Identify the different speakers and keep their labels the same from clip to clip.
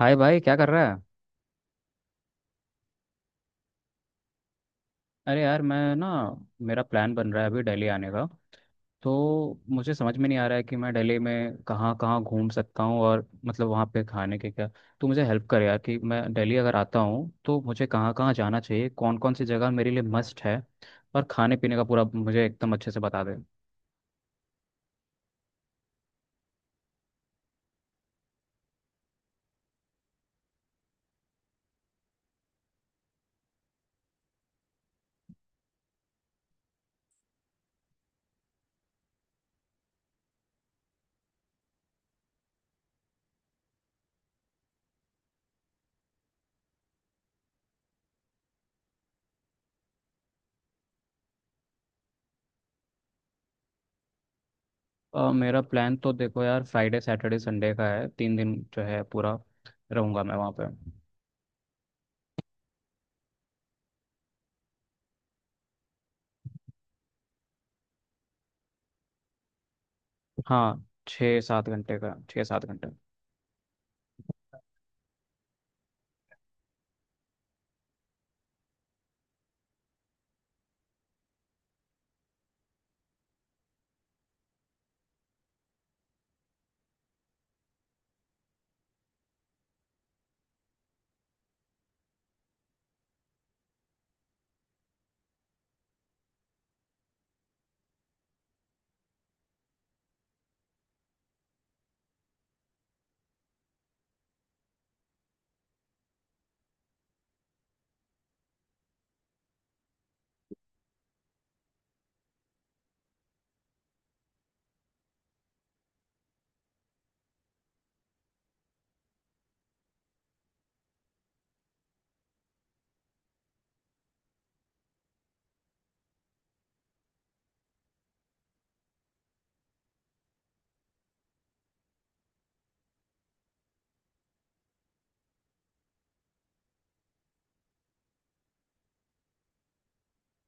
Speaker 1: हाय भाई, क्या कर रहा है? अरे यार, मैं ना, मेरा प्लान बन रहा है अभी दिल्ली आने का। तो मुझे समझ में नहीं आ रहा है कि मैं दिल्ली में कहाँ कहाँ घूम सकता हूँ, और मतलब वहाँ पे खाने के क्या। तो मुझे हेल्प कर यार कि मैं दिल्ली अगर आता हूँ तो मुझे कहाँ कहाँ जाना चाहिए, कौन कौन सी जगह मेरे लिए मस्ट है। और खाने पीने का पूरा मुझे एकदम अच्छे से बता दे। मेरा प्लान तो देखो यार, फ्राइडे सैटरडे संडे का है। तीन दिन जो है पूरा रहूँगा मैं वहाँ पे। हाँ, छः सात घंटे का, छः सात घंटे।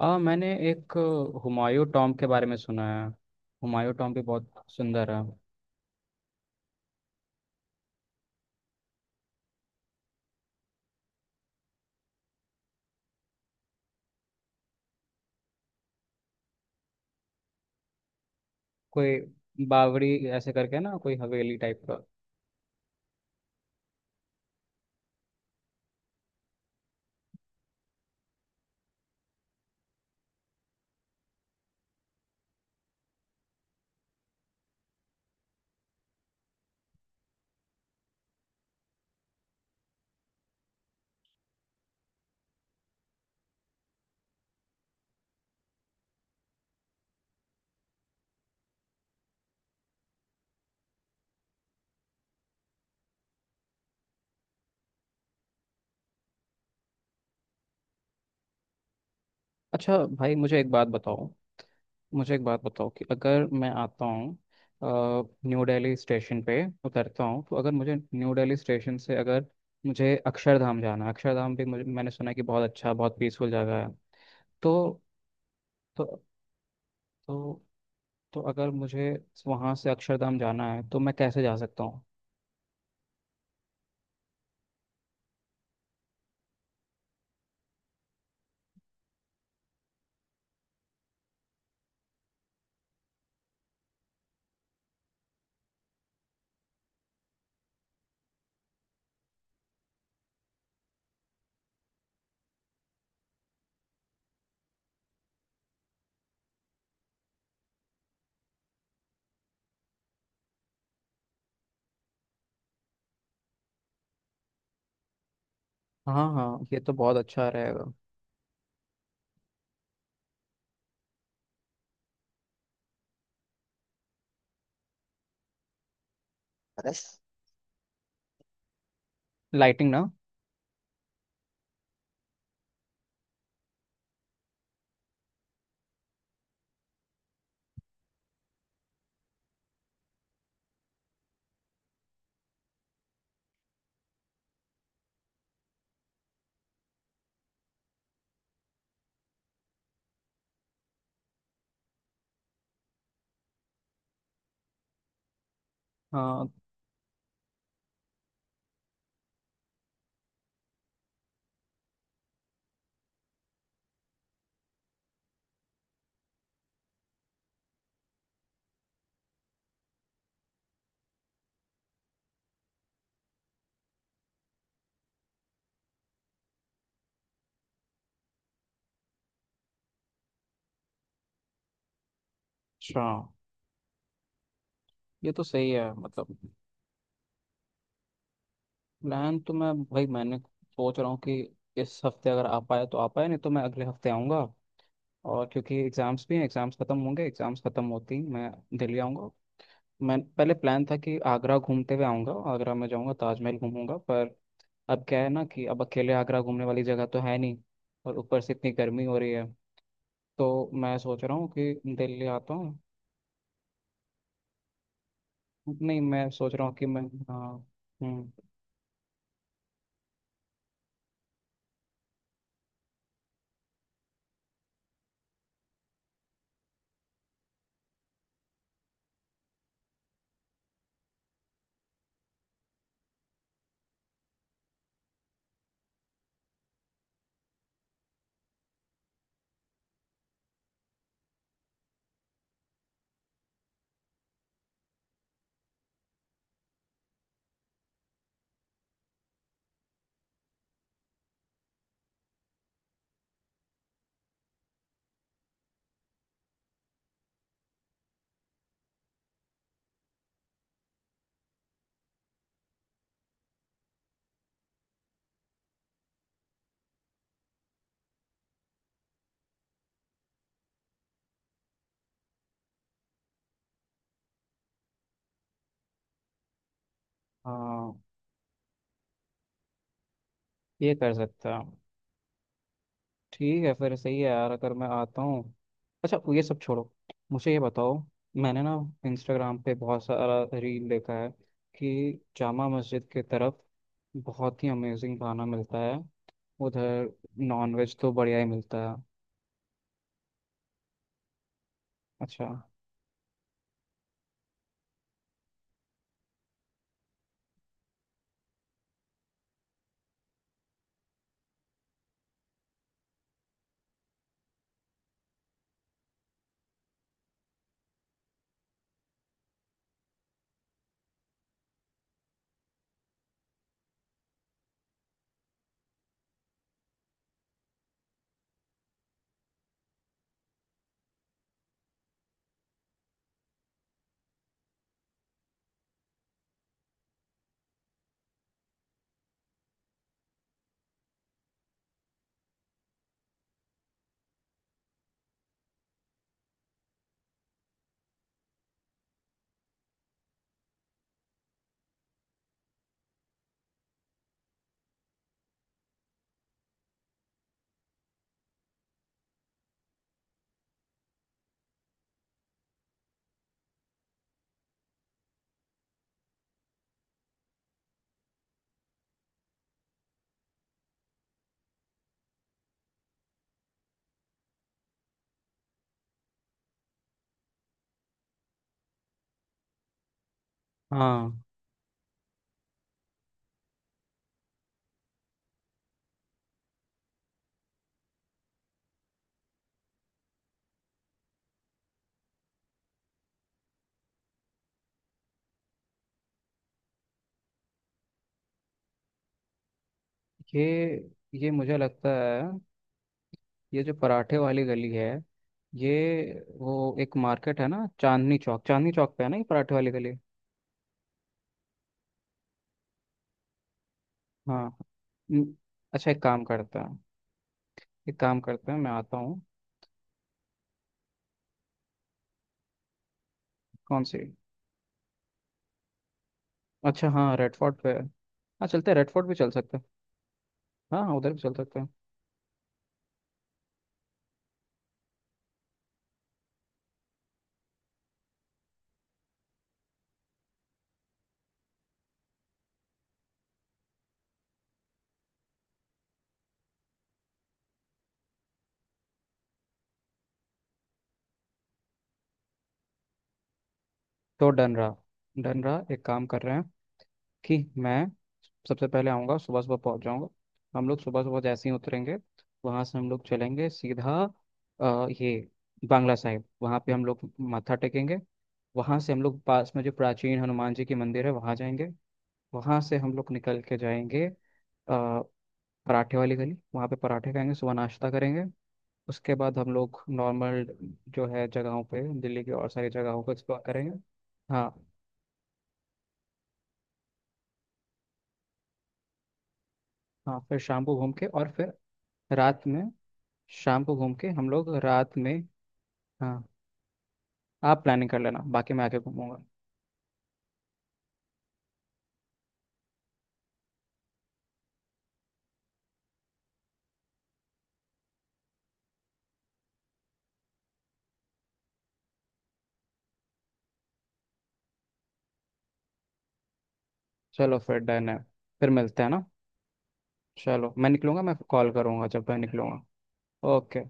Speaker 1: मैंने एक हुमायूं टॉम के बारे में सुना है। हुमायूं टॉम भी बहुत सुंदर है। कोई बावड़ी, ऐसे करके ना, कोई हवेली टाइप का। अच्छा भाई, मुझे एक बात बताओ। मुझे एक बात बताओ कि अगर मैं आता हूँ, न्यू दिल्ली स्टेशन पे उतरता हूँ, तो अगर मुझे न्यू दिल्ली स्टेशन से अगर मुझे अक्षरधाम जाना है। अक्षरधाम भी मुझे, मैंने सुना है कि बहुत अच्छा, बहुत पीसफुल जगह है। तो तो तो तो अगर मुझे वहाँ से अक्षरधाम जाना है तो मैं कैसे जा सकता हूँ? हाँ हाँ, ये तो बहुत अच्छा रहेगा। बस लाइटिंग ना। हाँ। अच्छा, ये तो सही है मतलब। प्लान तो मैं भाई, मैंने सोच रहा हूँ कि इस हफ्ते अगर आ पाए तो आ पाए, नहीं तो मैं अगले हफ्ते आऊँगा। और क्योंकि एग्ज़ाम्स भी हैं, एग्ज़ाम्स ख़त्म होंगे, एग्ज़ाम्स ख़त्म होती ही मैं दिल्ली आऊँगा। मैं, पहले प्लान था कि आगरा घूमते हुए आऊँगा, आगरा में जाऊँगा, ताजमहल घूमूंगा। पर अब क्या है ना, कि अब अकेले आगरा घूमने वाली जगह तो है नहीं। और ऊपर से इतनी गर्मी हो रही है। तो मैं सोच रहा हूँ कि दिल्ली आता हूँ। नहीं, मैं सोच रहा हूँ कि मैं। हाँ। हम्म। हाँ, ये कर सकता हूँ। ठीक है, फिर सही है यार, अगर मैं आता हूँ। अच्छा, ये सब छोड़ो। मुझे ये बताओ, मैंने ना इंस्टाग्राम पे बहुत सारा रील देखा है कि जामा मस्जिद की तरफ बहुत ही अमेजिंग खाना मिलता है उधर। नॉनवेज तो बढ़िया ही मिलता है। अच्छा। हाँ, ये ये मुझे लगता है। ये जो पराठे वाली गली है, ये, वो एक मार्केट है ना, चांदनी चौक, चांदनी चौक पे है ना ये पराठे वाली गली? हाँ। हम्म। अच्छा, एक काम करते हैं। एक काम करते हैं, मैं आता हूँ। कौन सी? अच्छा हाँ, रेड फोर्ट पे है। हाँ, चलते हैं, रेड फोर्ट भी चल सकते हैं। हाँ हाँ, उधर भी चल सकते हैं। तो डन रहा। डन रहा, एक काम कर रहे हैं कि मैं सबसे पहले आऊँगा, सुबह सुबह पहुँच जाऊँगा। हम लोग सुबह सुबह जैसे ही उतरेंगे, वहाँ से हम लोग चलेंगे सीधा ये बांग्ला साहिब, वहाँ पे हम लोग माथा टेकेंगे। वहाँ से हम लोग पास में जो प्राचीन हनुमान जी की मंदिर है वहाँ जाएंगे। वहाँ से हम लोग निकल के जाएंगे अ, पराठे वाली गली, वहाँ पे पराठे खाएंगे, सुबह नाश्ता करेंगे। उसके बाद हम लोग नॉर्मल जो है जगहों पे, दिल्ली की और सारी जगहों को एक्सप्लोर करेंगे। हाँ। हाँ, फिर शाम को घूम के और फिर रात में। शाम को घूम के हम लोग रात में। हाँ, आप प्लानिंग कर लेना, बाकी मैं आके घूमूंगा। चलो, फिर डन है। फिर मिलते हैं ना। चलो, मैं निकलूंगा। मैं कॉल करूंगा जब मैं निकलूंगा। ओके।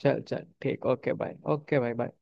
Speaker 1: चल चल, ठीक, okay bye, okay bye bye.